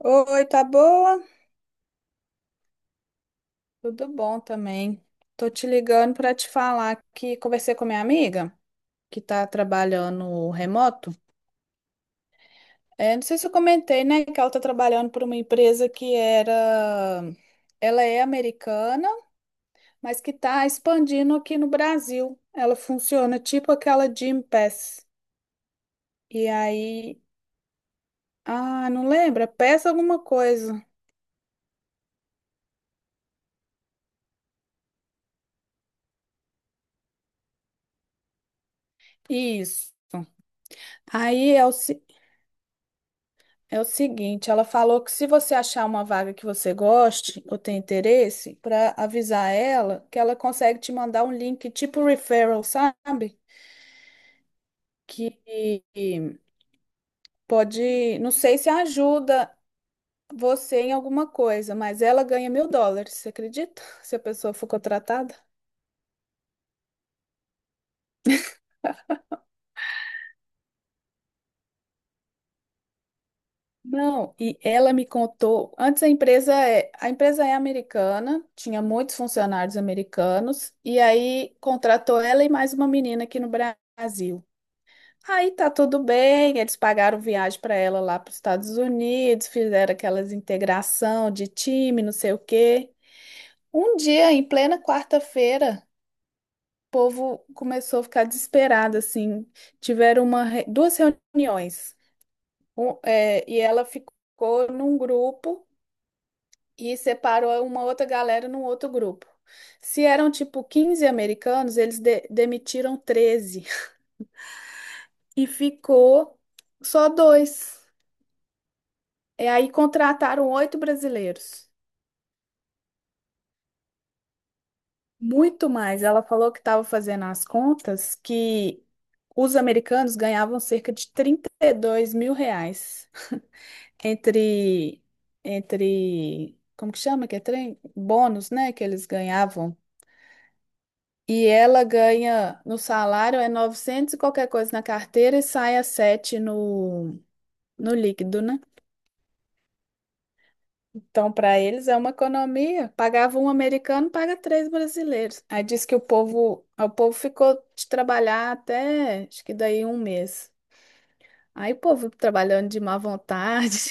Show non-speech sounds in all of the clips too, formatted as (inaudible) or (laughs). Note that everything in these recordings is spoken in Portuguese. Oi, tá boa? Tudo bom também. Tô te ligando para te falar que conversei com minha amiga que tá trabalhando remoto. É, não sei se eu comentei, né, que ela tá trabalhando para uma empresa que era ela é americana, mas que tá expandindo aqui no Brasil. Ela funciona tipo aquela Gym Pass. E aí, ah, não lembra? Peça alguma coisa. Isso. Aí é, o É o seguinte, ela falou que se você achar uma vaga que você goste ou tem interesse, para avisar ela que ela consegue te mandar um link tipo referral, sabe? Que pode, não sei se ajuda você em alguma coisa, mas ela ganha US$ 1.000, você acredita? (laughs) Se a pessoa for contratada? Não, e ela me contou, antes a empresa é americana, tinha muitos funcionários americanos, e aí contratou ela e mais uma menina aqui no Brasil. Aí tá tudo bem, eles pagaram viagem para ela lá para os Estados Unidos, fizeram aquelas integração de time, não sei o quê. Um dia, em plena quarta-feira, o povo começou a ficar desesperado, assim. Tiveram duas reuniões. E ela ficou num grupo e separou uma outra galera num outro grupo. Se eram tipo 15 americanos, eles demitiram 13 e ficou só dois. E aí contrataram oito brasileiros, muito mais. Ela falou que estava fazendo as contas que os americanos ganhavam cerca de R$ 32.000 (laughs) entre, entre, como que chama que é trem? Bônus, né, que eles ganhavam. E ela ganha no salário é 900 e qualquer coisa na carteira e sai a 7 no líquido, né? Então, para eles é uma economia. Pagava um americano, paga três brasileiros. Aí diz que o povo ficou de trabalhar até, acho que daí um mês. Aí o povo trabalhando de má vontade.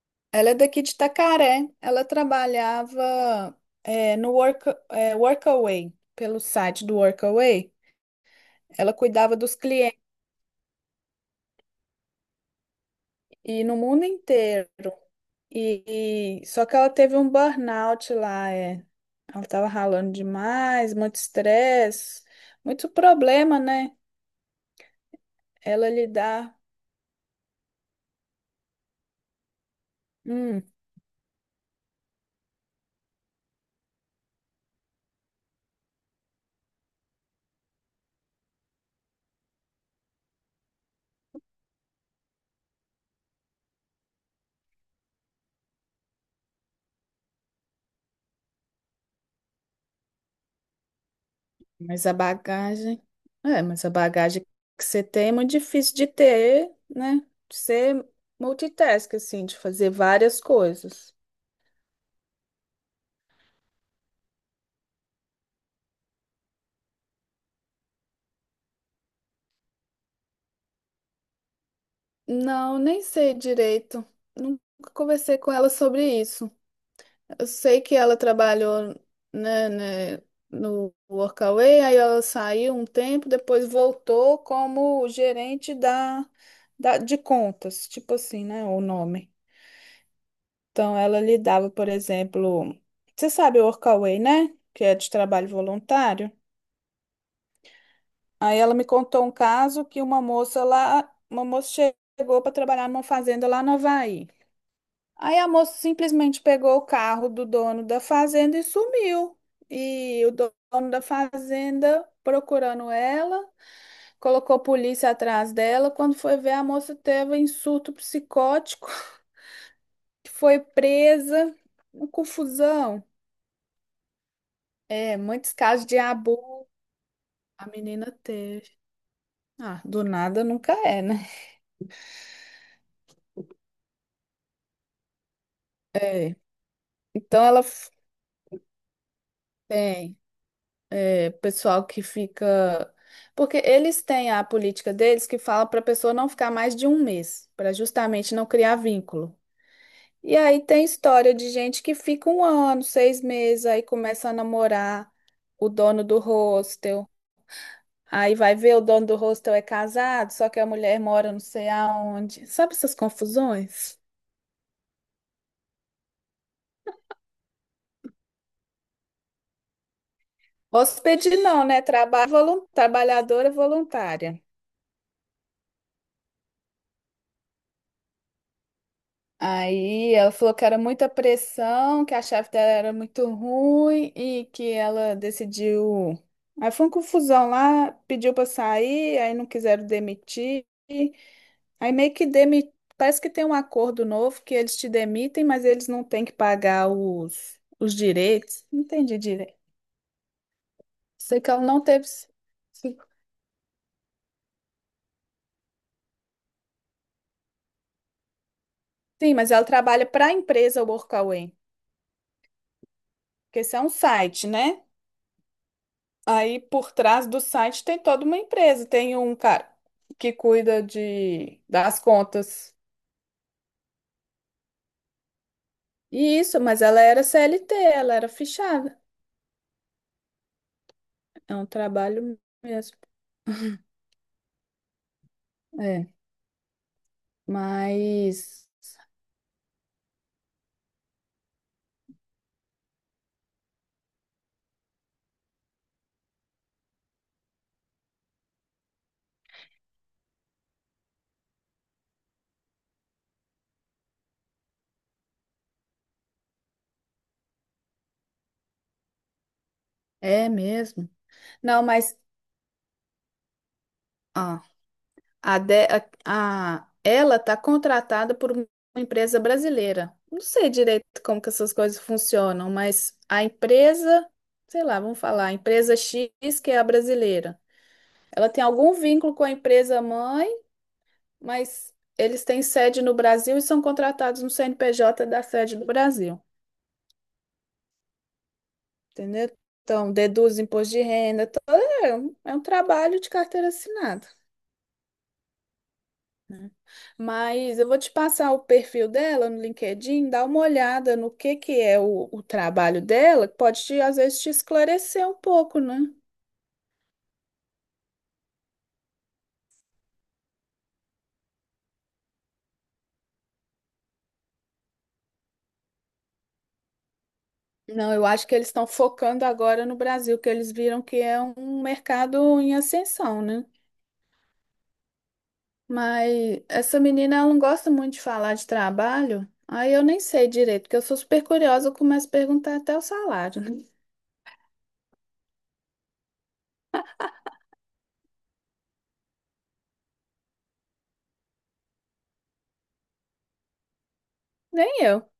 (laughs) Ela é daqui de Itacaré. Ela trabalhava é, no work, é, Workaway, pelo site do Workaway. Ela cuidava dos clientes e no mundo inteiro. Só que ela teve um burnout lá, é. Ela tava ralando demais, muito estresse, muito problema, né? Ela lidar, Hum, mas a bagagem. É, mas a bagagem que você tem é muito difícil de ter, né? De ser multitask, assim, de fazer várias coisas. Não, nem sei direito. Nunca conversei com ela sobre isso. Eu sei que ela trabalhou, né, no Workaway. Aí ela saiu um tempo, depois voltou como gerente de contas, tipo assim, né, o nome. Então, ela lidava, por exemplo, você sabe o Workaway, né? Que é de trabalho voluntário. Aí ela me contou um caso que uma moça chegou para trabalhar numa fazenda lá no Havaí. Aí a moça simplesmente pegou o carro do dono da fazenda e sumiu. E o dono da fazenda procurando ela, colocou a polícia atrás dela. Quando foi ver, a moça teve um surto psicótico, (laughs) foi presa, uma confusão. É, muitos casos de abuso a menina teve. Ah, do nada nunca é, né? É. Então tem. É, pessoal que fica. Porque eles têm a política deles que fala para a pessoa não ficar mais de um mês, para justamente não criar vínculo. E aí tem história de gente que fica um ano, 6 meses, aí começa a namorar o dono do hostel. Aí vai ver, o dono do hostel é casado, só que a mulher mora não sei aonde. Sabe essas confusões? Hóspede não, né? Trabalhadora voluntária. Aí ela falou que era muita pressão, que a chefe dela era muito ruim e que ela decidiu. Aí foi uma confusão lá, pediu para sair, aí não quiseram demitir. Aí parece que tem um acordo novo que eles te demitem, mas eles não têm que pagar os direitos. Não entendi direito. Sei que ela não teve. Sim, mas ela trabalha para a empresa Workaway, porque isso é um site, né? Aí por trás do site tem toda uma empresa, tem um cara que cuida de das contas. E isso, mas ela era CLT, ela era fichada. É um trabalho mesmo. É, mas é mesmo. Não, mas ó, a, de, a- ela tá contratada por uma empresa brasileira. Não sei direito como que essas coisas funcionam, mas a empresa, sei lá, vamos falar, a empresa X que é a brasileira. Ela tem algum vínculo com a empresa mãe, mas eles têm sede no Brasil e são contratados no CNPJ da sede do Brasil, entendeu? Então, deduz imposto de renda, é um trabalho de carteira assinada, né? Mas eu vou te passar o perfil dela no LinkedIn, dá uma olhada no que é o trabalho dela, que pode te, às vezes te esclarecer um pouco, né? Não, eu acho que eles estão focando agora no Brasil, que eles viram que é um mercado em ascensão, né? Mas essa menina, ela não gosta muito de falar de trabalho. Aí eu nem sei direito, porque eu sou super curiosa, eu começo a perguntar até o salário. (laughs) Né? Nem eu,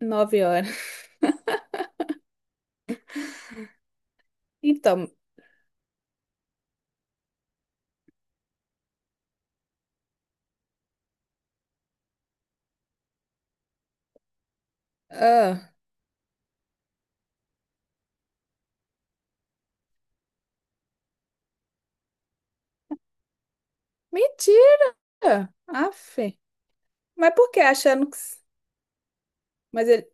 nove horas. Então, ah, mentira! Aff. Mas por que achando que... Mas ele...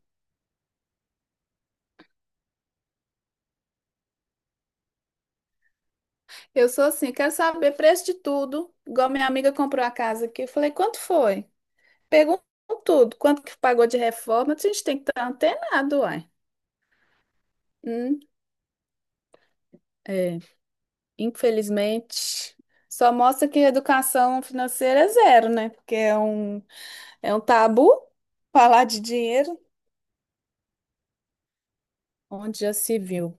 eu sou assim, quero saber preço de tudo. Igual minha amiga comprou a casa aqui, eu falei, quanto foi? Pergunto tudo, quanto que pagou de reforma, a gente tem que estar antenado, uai. Hum, é. Infelizmente, só mostra que educação financeira é zero, né? Porque é um tabu falar de dinheiro onde já se viu.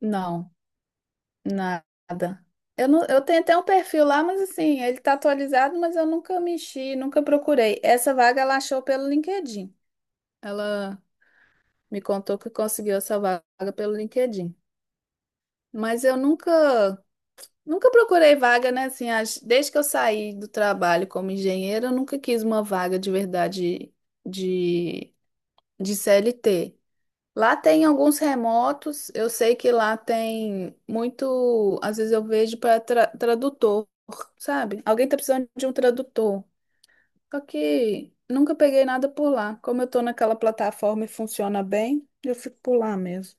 Não, nada. Eu, não, eu tenho até um perfil lá, mas assim, ele tá atualizado, mas eu nunca mexi, nunca procurei. Essa vaga ela achou pelo LinkedIn. Ela me contou que conseguiu essa vaga pelo LinkedIn. Mas eu nunca. Nunca procurei vaga, né? Assim, desde que eu saí do trabalho como engenheira, eu nunca quis uma vaga de verdade de, de CLT. Lá tem alguns remotos, eu sei que lá tem muito. Às vezes eu vejo para tradutor, sabe? Alguém tá precisando de um tradutor. Só que nunca peguei nada por lá. Como eu tô naquela plataforma e funciona bem, eu fico por lá mesmo.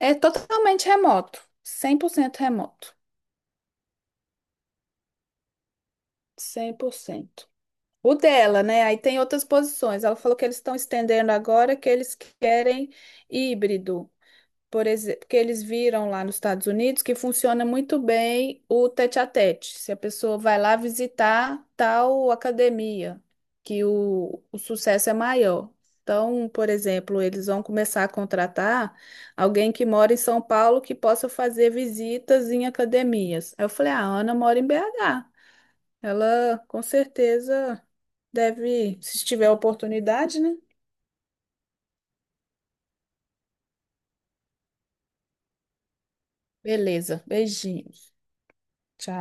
É totalmente remoto, 100% remoto. Cem por cento O dela, né? Aí tem outras posições. Ela falou que eles estão estendendo agora que eles querem híbrido, por exemplo, que eles viram lá nos Estados Unidos que funciona muito bem o tete-a-tete. Se a pessoa vai lá visitar tal academia, que o sucesso é maior. Então, por exemplo, eles vão começar a contratar alguém que mora em São Paulo que possa fazer visitas em academias. Aí eu falei, ah, a Ana mora em BH. Ela com certeza deve, se tiver oportunidade, né? Beleza, beijinhos. Tchau.